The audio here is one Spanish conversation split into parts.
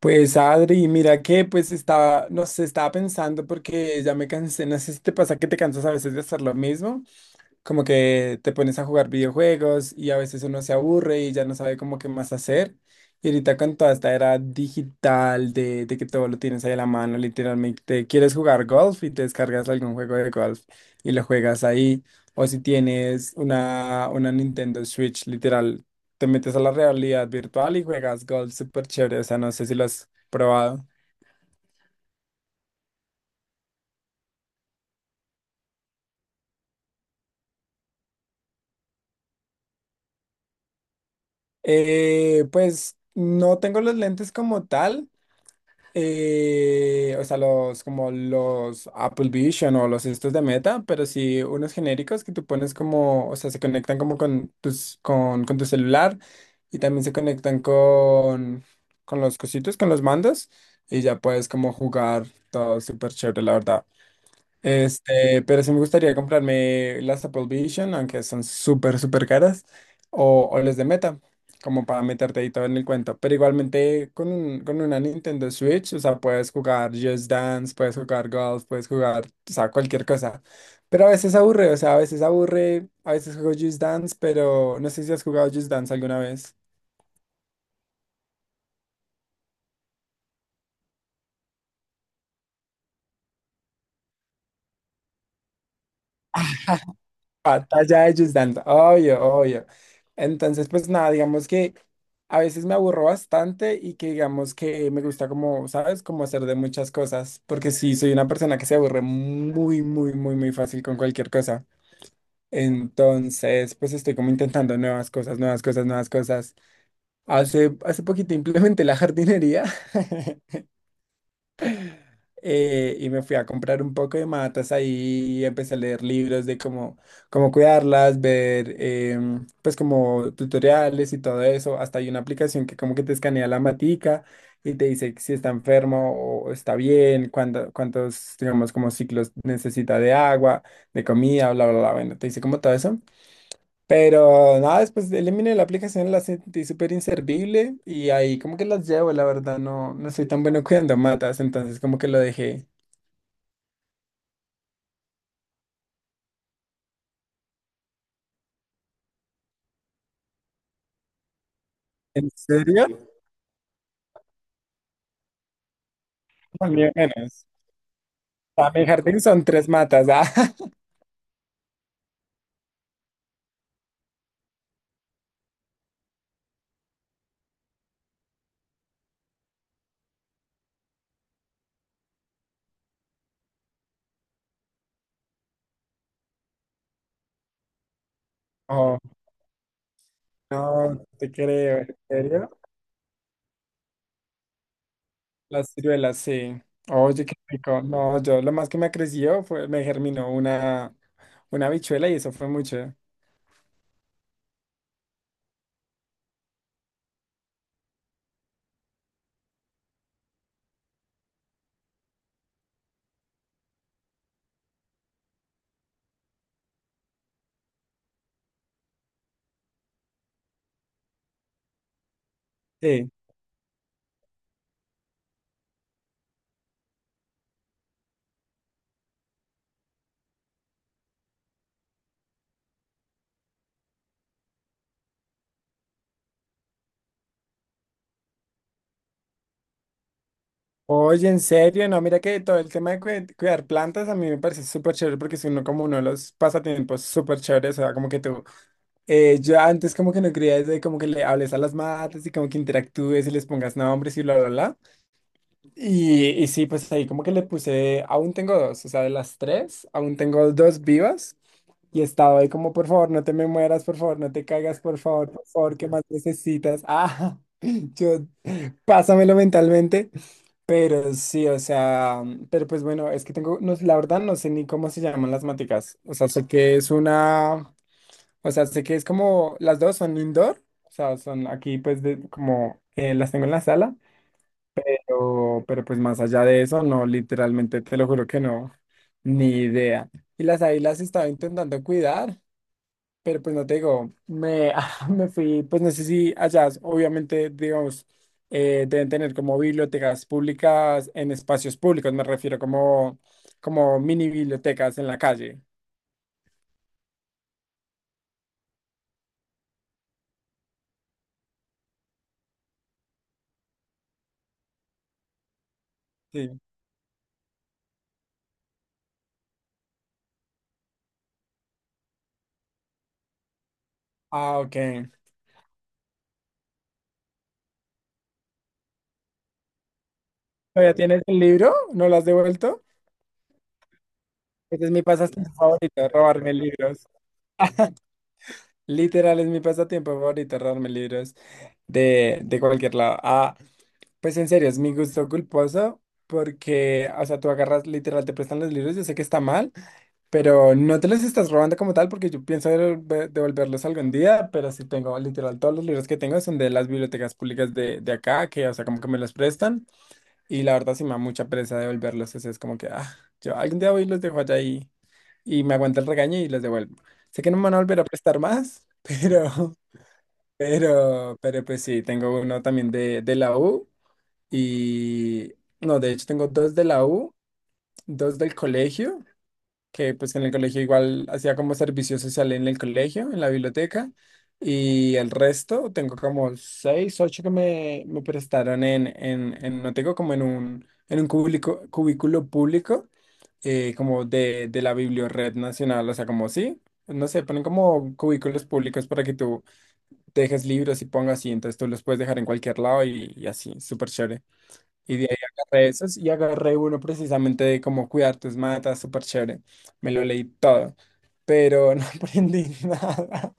Pues Adri, mira que pues estaba, no sé, estaba pensando porque ya me cansé, no sé si te pasa que te cansas a veces de hacer lo mismo como que te pones a jugar videojuegos y a veces uno se aburre y ya no sabe como qué más hacer. Y ahorita con toda esta era digital de que todo lo tienes ahí a la mano, literalmente quieres jugar golf y te descargas algún juego de golf y lo juegas ahí. O si tienes una Nintendo Switch, literal, te metes a la realidad virtual y juegas golf súper chévere. O sea, no sé si lo has probado. Pues no tengo los lentes como tal. O sea, los como los Apple Vision o los estos de Meta, pero sí unos genéricos que tú pones como, o sea, se conectan como con tus, con tu celular y también se conectan con los cositos, con los mandos y ya puedes como jugar todo súper chévere, la verdad. Este, pero sí me gustaría comprarme las Apple Vision, aunque son súper, súper caras, o las de Meta, como para meterte ahí todo en el cuento. Pero igualmente con, con una Nintendo Switch, o sea, puedes jugar Just Dance, puedes jugar golf, puedes jugar, o sea, cualquier cosa. Pero a veces aburre, o sea, a veces aburre, a veces juego Just Dance, pero no sé si has jugado Just Dance alguna vez. Batalla de Just Dance, obvio, obvio. Entonces, pues nada, digamos que a veces me aburro bastante y que digamos que me gusta como, ¿sabes? Como hacer de muchas cosas, porque sí, soy una persona que se aburre muy, muy, muy, muy fácil con cualquier cosa. Entonces, pues estoy como intentando nuevas cosas, nuevas cosas, nuevas cosas. Hace poquito implementé la jardinería. Y me fui a comprar un poco de matas ahí y empecé a leer libros de cómo, cómo cuidarlas, ver pues como tutoriales y todo eso. Hasta hay una aplicación que como que te escanea la matica y te dice si está enfermo o está bien, cuántos, digamos, como ciclos necesita de agua, de comida, bla, bla, bla. Bueno, te dice como todo eso. Pero nada, después eliminé la aplicación, la sentí súper inservible y ahí como que las llevo, la verdad, no, no soy tan bueno cuidando matas, entonces como que lo dejé. ¿En serio? No, ni menos. Para mi jardín son tres matas. Ah. Oh, no te creo. ¿En serio? Las ciruelas, sí. Oye, qué rico. No, yo lo más que me creció fue, me germinó una habichuela y eso fue mucho. Sí. Oye, en serio, no, mira que todo el tema de cuidar plantas a mí me parece súper chévere porque es uno como uno de los pasatiempos súper chéveres, o sea, como que tú, yo antes como que no creía eso de como que le hables a las matas y como que interactúes y les pongas nombres y bla, bla, bla. Y sí, pues ahí como que le puse, aún tengo dos, o sea, de las tres, aún tengo dos vivas. Y estaba ahí como, por favor, no te me mueras, por favor, no te caigas, por favor, ¿qué más necesitas? Ah, yo, pásamelo mentalmente. Pero sí, o sea, pero pues bueno, es que tengo, no, la verdad no sé ni cómo se llaman las maticas. O sea, sé que es una, o sea, sé que es como, las dos son indoor, o sea, son aquí pues de, como, las tengo en la sala. Pero pues más allá de eso, no, literalmente te lo juro que no, ni idea. Y las ahí las estaba intentando cuidar, pero pues no te digo, me, me fui, pues no sé si allá, obviamente, digamos, deben tener como bibliotecas públicas en espacios públicos, me refiero como, como mini bibliotecas en la calle. Sí. Ah, ok. ¿Todavía tienes el libro? ¿No lo has devuelto? Ese es mi pasatiempo favorito, robarme libros. Literal, es mi pasatiempo favorito, robarme libros. De cualquier lado. Ah, pues en serio, es mi gusto culposo porque, o sea, tú agarras, literal, te prestan los libros, yo sé que está mal, pero no te los estás robando como tal porque yo pienso devolverlos algún día, pero sí tengo, literal, todos los libros que tengo son de las bibliotecas públicas de acá, que, o sea, como que me los prestan y la verdad sí me da mucha pereza devolverlos, eso es como que, ah, yo algún día voy y los dejo allá y me aguanta el regaño y los devuelvo. Sé que no me van a volver a prestar más, pero... Pero pues sí, tengo uno también de la U y no, de hecho tengo dos de la U, dos del colegio, que pues en el colegio igual hacía como servicio social en el colegio, en la biblioteca, y el resto tengo como seis, ocho que me prestaron en no tengo como en un cubículo público, como de la Bibliored Nacional, o sea, como sí, no sé, ponen como cubículos públicos para que tú dejes libros y pongas y entonces tú los puedes dejar en cualquier lado y así, súper chévere. Y de ahí agarré esos y agarré uno precisamente de cómo cuidar tus matas, súper chévere. Me lo leí todo, pero no aprendí nada.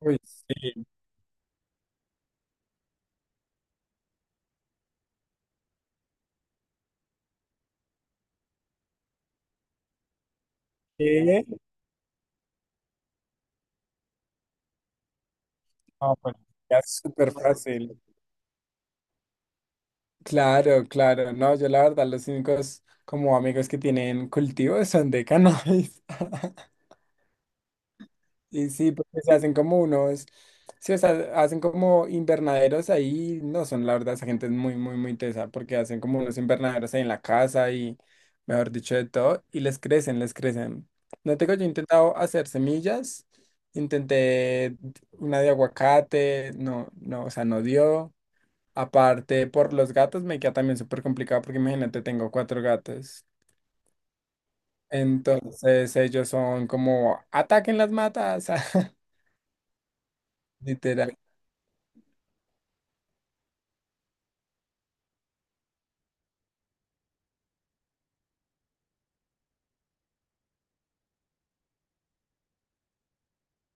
Uy, sí. ¿Qué? No, pues, ya es súper fácil. Claro, claro. No, yo la verdad, los únicos como amigos que tienen cultivos son de cannabis. Y sí, porque se hacen como unos, sí, o sea, hacen como invernaderos ahí, no son, la verdad, esa gente es muy, muy, muy tesa, porque hacen como unos invernaderos ahí en la casa y, mejor dicho, de todo, y les crecen, les crecen. No tengo, yo he intentado hacer semillas, intenté una de aguacate, no, no, o sea, no dio. Aparte, por los gatos me queda también súper complicado, porque imagínate, tengo cuatro gatos. Entonces, ellos son como, ataquen las matas, literal.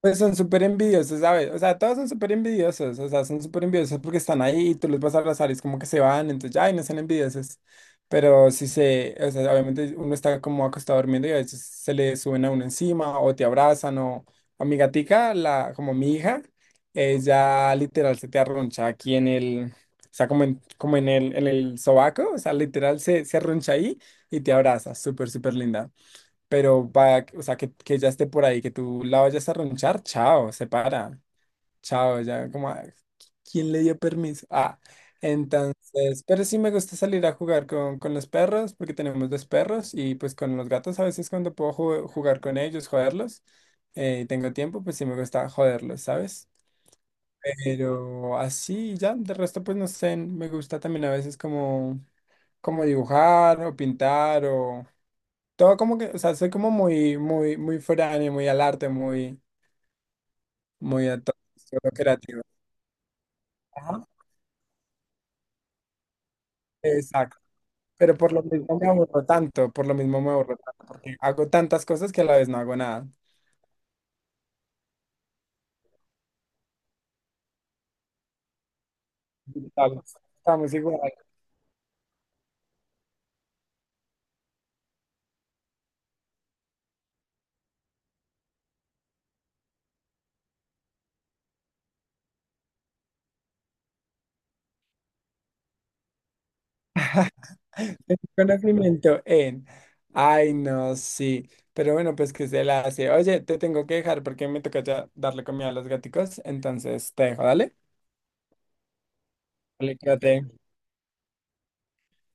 Pues son súper envidiosos, ¿sabes? O sea, todos son súper envidiosos, o sea, son súper envidiosos porque están ahí y tú los vas a abrazar y es como que se van, entonces, ay, no sean envidiosos. Pero si se, o sea, obviamente uno está como acostado durmiendo y a veces se le suben a uno encima o te abrazan o a mi gatica, la, como mi hija, ella literal se te arroncha aquí en el, o sea, como en, como en el sobaco, o sea, literal se, se arroncha ahí y te abraza, súper, súper linda. Pero para, o sea, que ya esté por ahí, que tú la vayas a ronchar, chao, se para. Chao, ya como, ah, ¿quién le dio permiso? Ah, entonces, pero sí me gusta salir a jugar con los perros, porque tenemos dos perros, y pues con los gatos a veces cuando puedo jugar con ellos, joderlos, y tengo tiempo, pues sí me gusta joderlos, ¿sabes? Pero así ya, de resto pues no sé, me gusta también a veces como, como dibujar o pintar todo como que, o sea, soy como muy, muy, muy frani, muy al arte, muy, muy a todo lo creativo. Ajá. Exacto. Pero por lo mismo me aburro tanto, por lo mismo me aburro tanto, porque hago tantas cosas que a la vez no hago nada. Estamos, estamos igual. Tengo conocimiento en. Ay, no, sí. Pero bueno, pues que se la hace. Oye, te tengo que dejar porque me toca ya darle comida a los gaticos. Entonces te dejo, dale. Dale, cuídate.